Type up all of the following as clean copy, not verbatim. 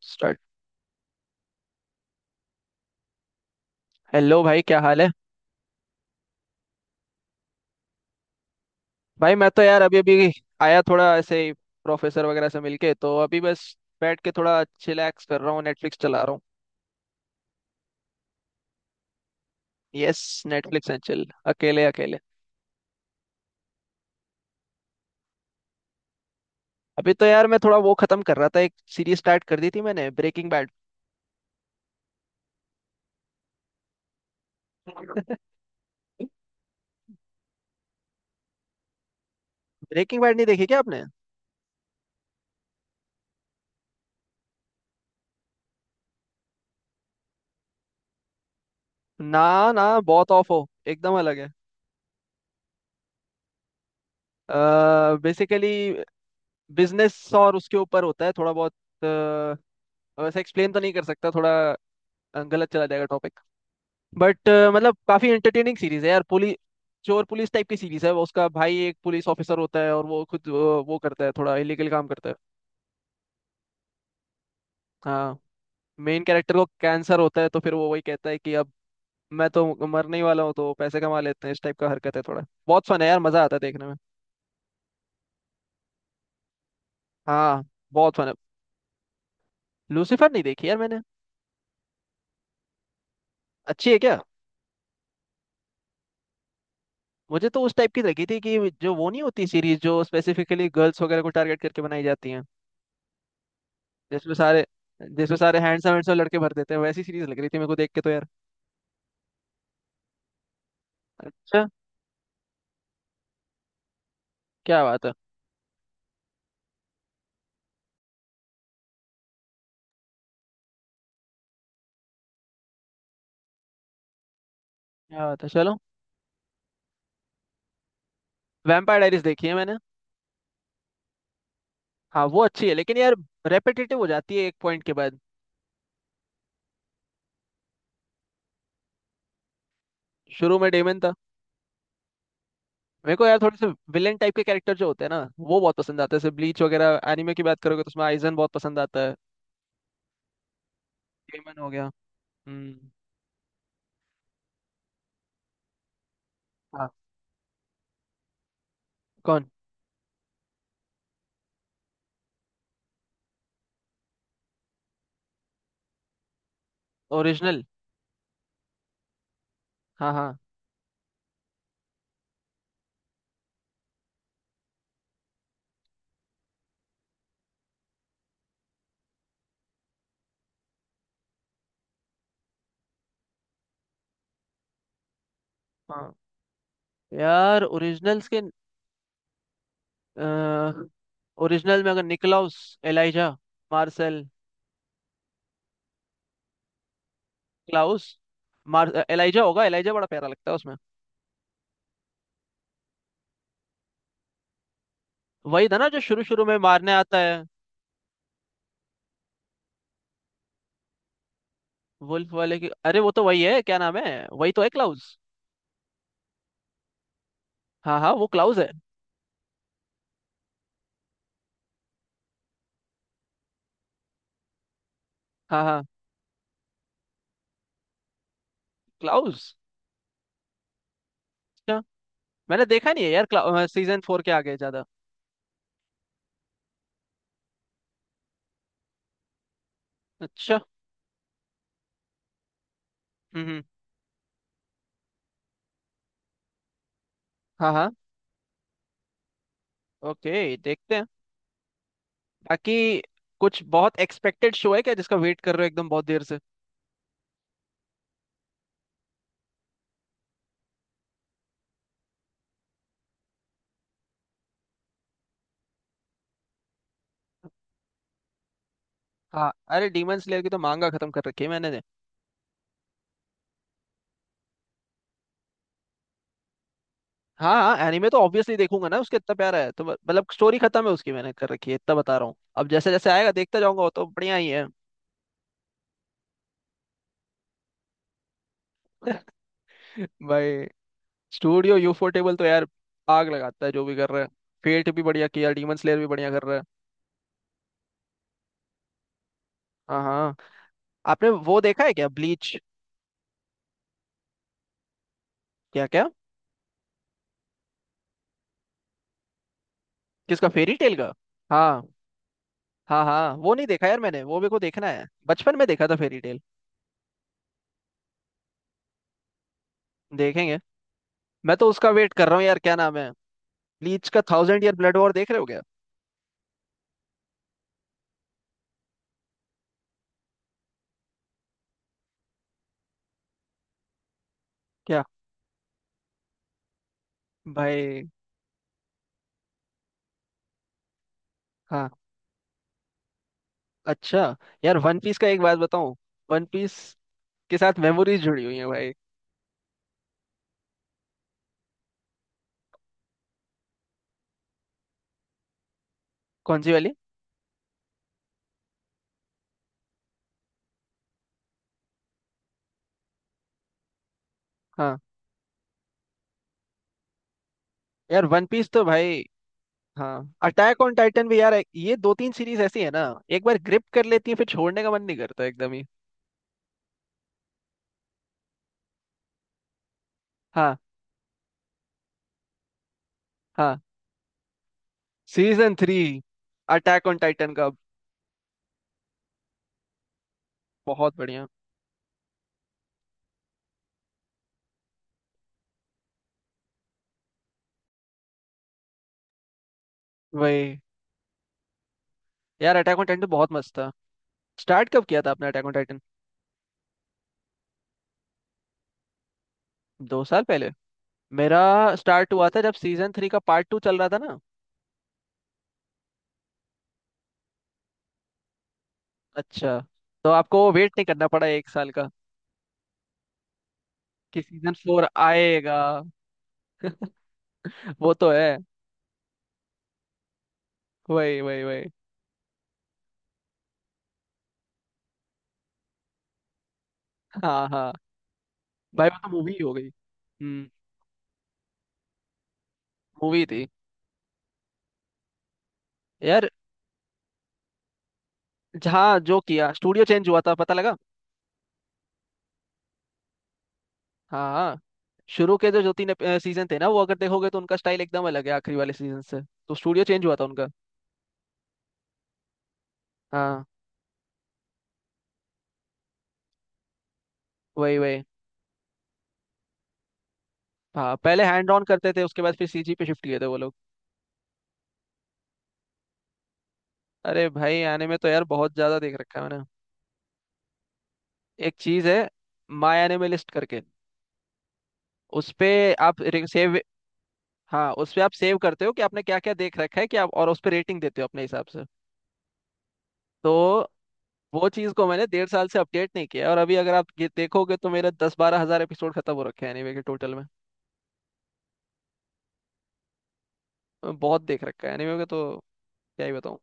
Start. Hello भाई, क्या हाल है। भाई मैं तो यार अभी अभी आया, थोड़ा ऐसे ही प्रोफेसर वगैरह से मिलके, तो अभी बस बैठ के थोड़ा चिलैक्स कर रहा हूँ, नेटफ्लिक्स चला रहा हूँ। Yes, Netflix and chill. अकेले अकेले। अभी तो यार मैं थोड़ा वो खत्म कर रहा था, एक सीरीज स्टार्ट कर दी थी मैंने, ब्रेकिंग बैड। ब्रेकिंग बैड नहीं देखी क्या आपने? ना, ना, बहुत ऑफ हो, एकदम अलग है। बेसिकली बिजनेस और उसके ऊपर होता है थोड़ा बहुत, अ, वैसे एक्सप्लेन तो नहीं कर सकता थोड़ा, गलत चला जाएगा टॉपिक। बट मतलब काफी एंटरटेनिंग सीरीज है यार, पुलिस चोर पुलिस टाइप की सीरीज है, वो उसका भाई एक पुलिस ऑफिसर होता है और वो खुद वो करता है, थोड़ा इलीगल काम करता है। हाँ, मेन कैरेक्टर को कैंसर होता है, तो फिर वो वही कहता है कि अब मैं तो मरने ही वाला हूँ, तो पैसे कमा लेते हैं, इस टाइप का हरकत है, थोड़ा बहुत फन है यार, मजा आता है देखने में। हाँ, बहुत फन है। लूसीफर नहीं देखी यार मैंने। अच्छी है क्या? मुझे तो उस टाइप की लगी थी, कि जो वो नहीं होती सीरीज जो स्पेसिफिकली गर्ल्स वगैरह को टारगेट करके बनाई जाती है, जिसमें सारे, जिसमें सारे हैंडसम हैंडसम लड़के भर देते हैं, वैसी सीरीज लग रही थी मेरे को देख के, तो यार अच्छा। क्या बात है। क्या बात है, चलो। वैम्पायर डायरीज देखी है मैंने। हाँ वो अच्छी है, लेकिन यार रेपिटेटिव हो जाती है एक पॉइंट के बाद। शुरू में डेमन था। मेरे को यार थोड़े से विलेन टाइप के कैरेक्टर जो होते हैं ना, वो बहुत पसंद आते हैं। जैसे ब्लीच वगैरह एनिमे की बात करोगे, तो उसमें आइजन बहुत पसंद आता है। डेमन हो गया। हम्म। हाँ। कौन? ओरिजिनल। हाँ हाँ। हाँ यार, ओरिजिनल्स के ओरिजिनल में, अगर निकलाउस, एलाइजा, मार्शल, क्लाउस, मार एलाइजा होगा। एलाइजा बड़ा प्यारा लगता है उसमें। वही था ना जो शुरू शुरू में मारने आता है? वुल्फ वाले की, अरे वो तो वही है, क्या नाम है, वही तो है, क्लाउस। हाँ हाँ, वो क्लाउस है। हाँ हाँ, क्लाउस। अच्छा। मैंने देखा नहीं है यार, सीजन 4 के आगे ज्यादा। अच्छा। हम्म हम्म, हाँ हाँ, ओके देखते हैं। बाकी कुछ बहुत एक्सपेक्टेड शो है क्या जिसका वेट कर रहे हो एकदम बहुत देर से? हाँ, अरे डीमन स्लेयर की तो मांगा खत्म कर रखी है मैंने। हाँ हाँ, एनीमे तो ऑब्वियसली देखूंगा ना उसके, इतना प्यारा है तो मतलब स्टोरी खत्म है उसकी मैंने कर रखी है, इतना बता रहा हूँ। अब जैसे जैसे आएगा देखता जाऊंगा, वो तो बढ़िया ही है। भाई स्टूडियो यूफो टेबल तो यार आग लगाता है जो भी कर रहा है। फेट भी बढ़िया किया, डीमन स्लेयर भी बढ़िया कर रहा है। हाँ हाँ। आपने वो देखा है क्या, ब्लीच? क्या क्या? किसका, फेरी टेल का? हाँ। हाँ हाँ, वो नहीं देखा यार मैंने, वो मेरे को देखना है, बचपन में देखा था फेरी टेल। देखेंगे। मैं तो उसका वेट कर रहा हूँ यार, क्या नाम है, ब्लीच का थाउजेंड ईयर ब्लड वॉर, देख रहे हो क्या? क्या भाई? हाँ। अच्छा। यार वन पीस का एक बात बताऊं, वन पीस के साथ मेमोरीज जुड़ी हुई है भाई। कौन सी वाली? हाँ। यार वन पीस तो भाई, हाँ अटैक ऑन टाइटन भी यार, ये दो तीन सीरीज ऐसी है ना, एक बार ग्रिप कर लेती है फिर छोड़ने का मन नहीं करता एकदम ही। हाँ हाँ, सीजन 3, अटैक ऑन टाइटन का। बहुत बढ़िया। वही। यार अटैक ऑन टाइटन तो बहुत मस्त था। स्टार्ट कब किया था आपने अटैक ऑन टाइटन? 2 साल पहले। मेरा स्टार्ट हुआ था जब सीजन 3 का पार्ट 2 चल रहा था ना। अच्छा। तो आपको वेट नहीं करना पड़ा एक साल, कि सीजन 4 आएगा? वो तो है, वही वही वही। हाँ हाँ। भाई वो तो मूवी हो गई। हम्म। मूवी थी। यार जहाँ जो किया स्टूडियो चेंज हुआ था पता लगा। हाँ हाँ, शुरू के जो जो 3 सीजन थे ना, वो अगर देखोगे तो उनका स्टाइल एकदम अलग है आखिरी वाले सीजन से। तो स्टूडियो चेंज हुआ था उनका। हाँ। वही वही। हाँ पहले हैंड ऑन करते थे, उसके बाद फिर सीजी पे शिफ्ट किए थे वो लोग। अरे भाई, आने में तो यार बहुत ज्यादा देख रखा है मैंने। एक चीज है, माय एनिमे लिस्ट करके, उस पे आप सेव। हाँ, उस पे आप सेव करते हो कि आपने क्या क्या देख रखा है कि आप, और उस पे रेटिंग देते हो अपने हिसाब से, तो वो चीज़ को मैंने 1.5 साल से अपडेट नहीं किया है, और अभी अगर आप ये देखोगे तो मेरा दस बारह हजार एपिसोड खत्म हो रखे हैं एनीमे के टोटल में। बहुत देख रखा है एनीमे का, तो क्या ही बताऊँ।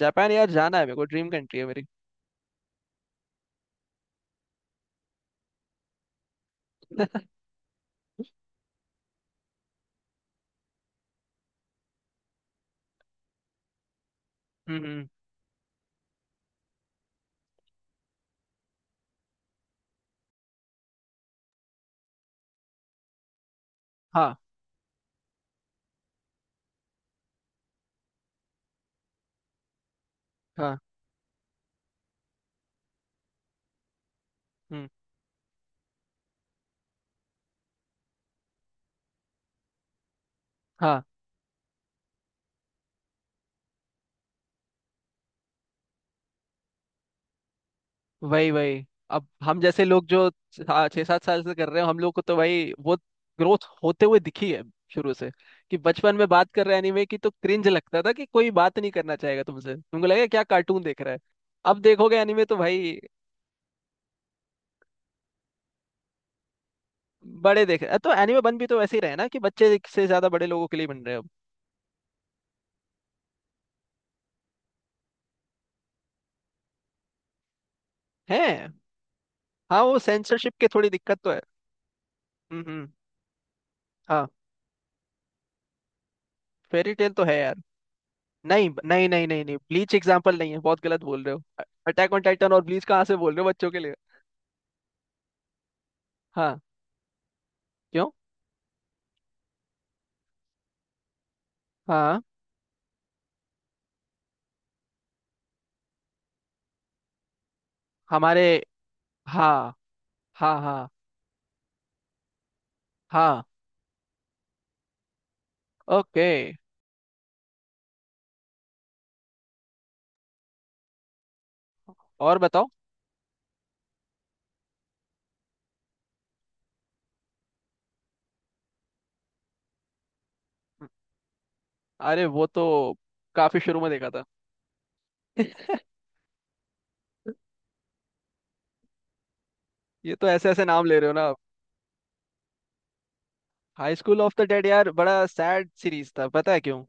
जापान यार जाना है मेरे को, ड्रीम कंट्री है मेरी। हम्म हम्म, हाँ हाँ। हम्म, हाँ। वही वही। अब हम जैसे लोग जो छह छह सात साल से कर रहे हैं, हम लोग को तो भाई वो ग्रोथ होते हुए दिखी है शुरू से। कि बचपन में बात कर रहे एनीमे की तो क्रिंज लगता था, कि कोई बात नहीं करना चाहेगा तुमसे, तुमको लगेगा क्या कार्टून देख रहा है। अब देखोगे एनीमे तो भाई, बड़े देख रहे हैं तो एनीमे बन भी तो वैसे ही रहे ना, कि बच्चे से ज्यादा बड़े लोगों के लिए बन रहे हैं अब। हैं। हाँ, वो सेंसरशिप की थोड़ी दिक्कत तो है। हम्म। हाँ। फेरी टेल तो है यार। नहीं नहीं नहीं नहीं नहीं, ब्लीच एग्जाम्पल नहीं है, बहुत गलत बोल रहे हो। अटैक ऑन टाइटन और ब्लीच कहाँ से बोल रहे हो बच्चों के लिए? हाँ। क्यों? हाँ। हमारे। हाँ हाँ। हाँ हाँ। ओके। और बताओ। अरे वो तो काफी शुरू में देखा था। ये तो ऐसे ऐसे नाम ले रहे हो ना आप। High school of the dead यार बड़ा सैड सीरीज था, पता है क्यों?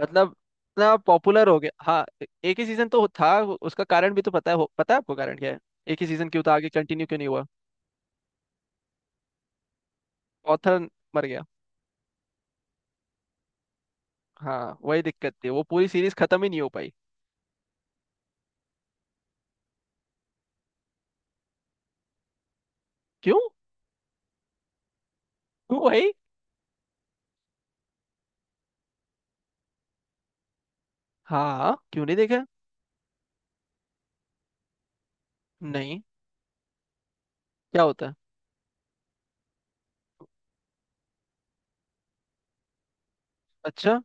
मतलब इतना पॉपुलर हो गया। हाँ, एक ही सीजन तो था, उसका कारण भी तो पता है, पता है आपको कारण क्या है, एक ही सीजन क्यों था, आगे कंटिन्यू क्यों नहीं हुआ? ऑथर मर गया। हाँ वही दिक्कत थी, वो पूरी सीरीज खत्म ही नहीं हो पाई। क्यों? क्यों भाई? हाँ, क्यों नहीं देखा। नहीं, क्या होता है? अच्छा।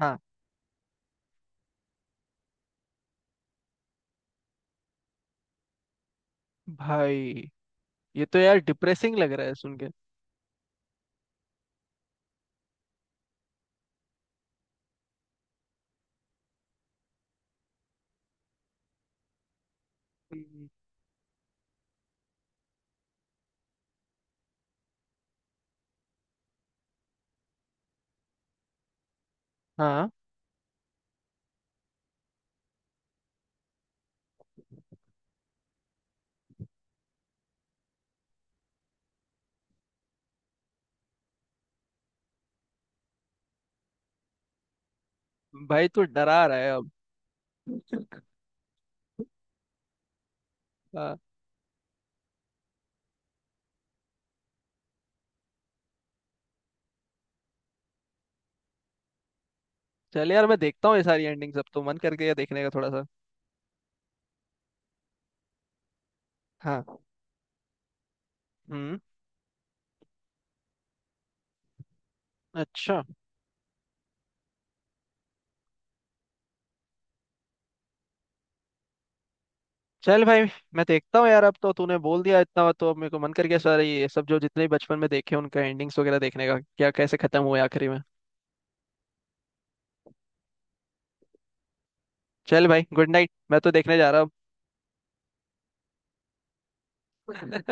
हाँ भाई, ये तो यार डिप्रेसिंग लग रहा है सुन के। हम्म। हाँ भाई, तू डरा रहा है अब। हाँ। चल यार, मैं देखता हूँ ये सारी एंडिंग्स, अब तो मन कर गया देखने का थोड़ा सा। हाँ। हम्म। अच्छा। चल भाई, मैं देखता हूँ यार, अब तो तूने बोल दिया इतना, तो अब मेरे को मन कर गया सारे ये सब जो जितने भी बचपन में देखे, उनका एंडिंग्स वगैरह देखने का, क्या कैसे खत्म हुए आखिरी में। चल भाई, गुड नाइट, मैं तो देखने जा रहा हूँ।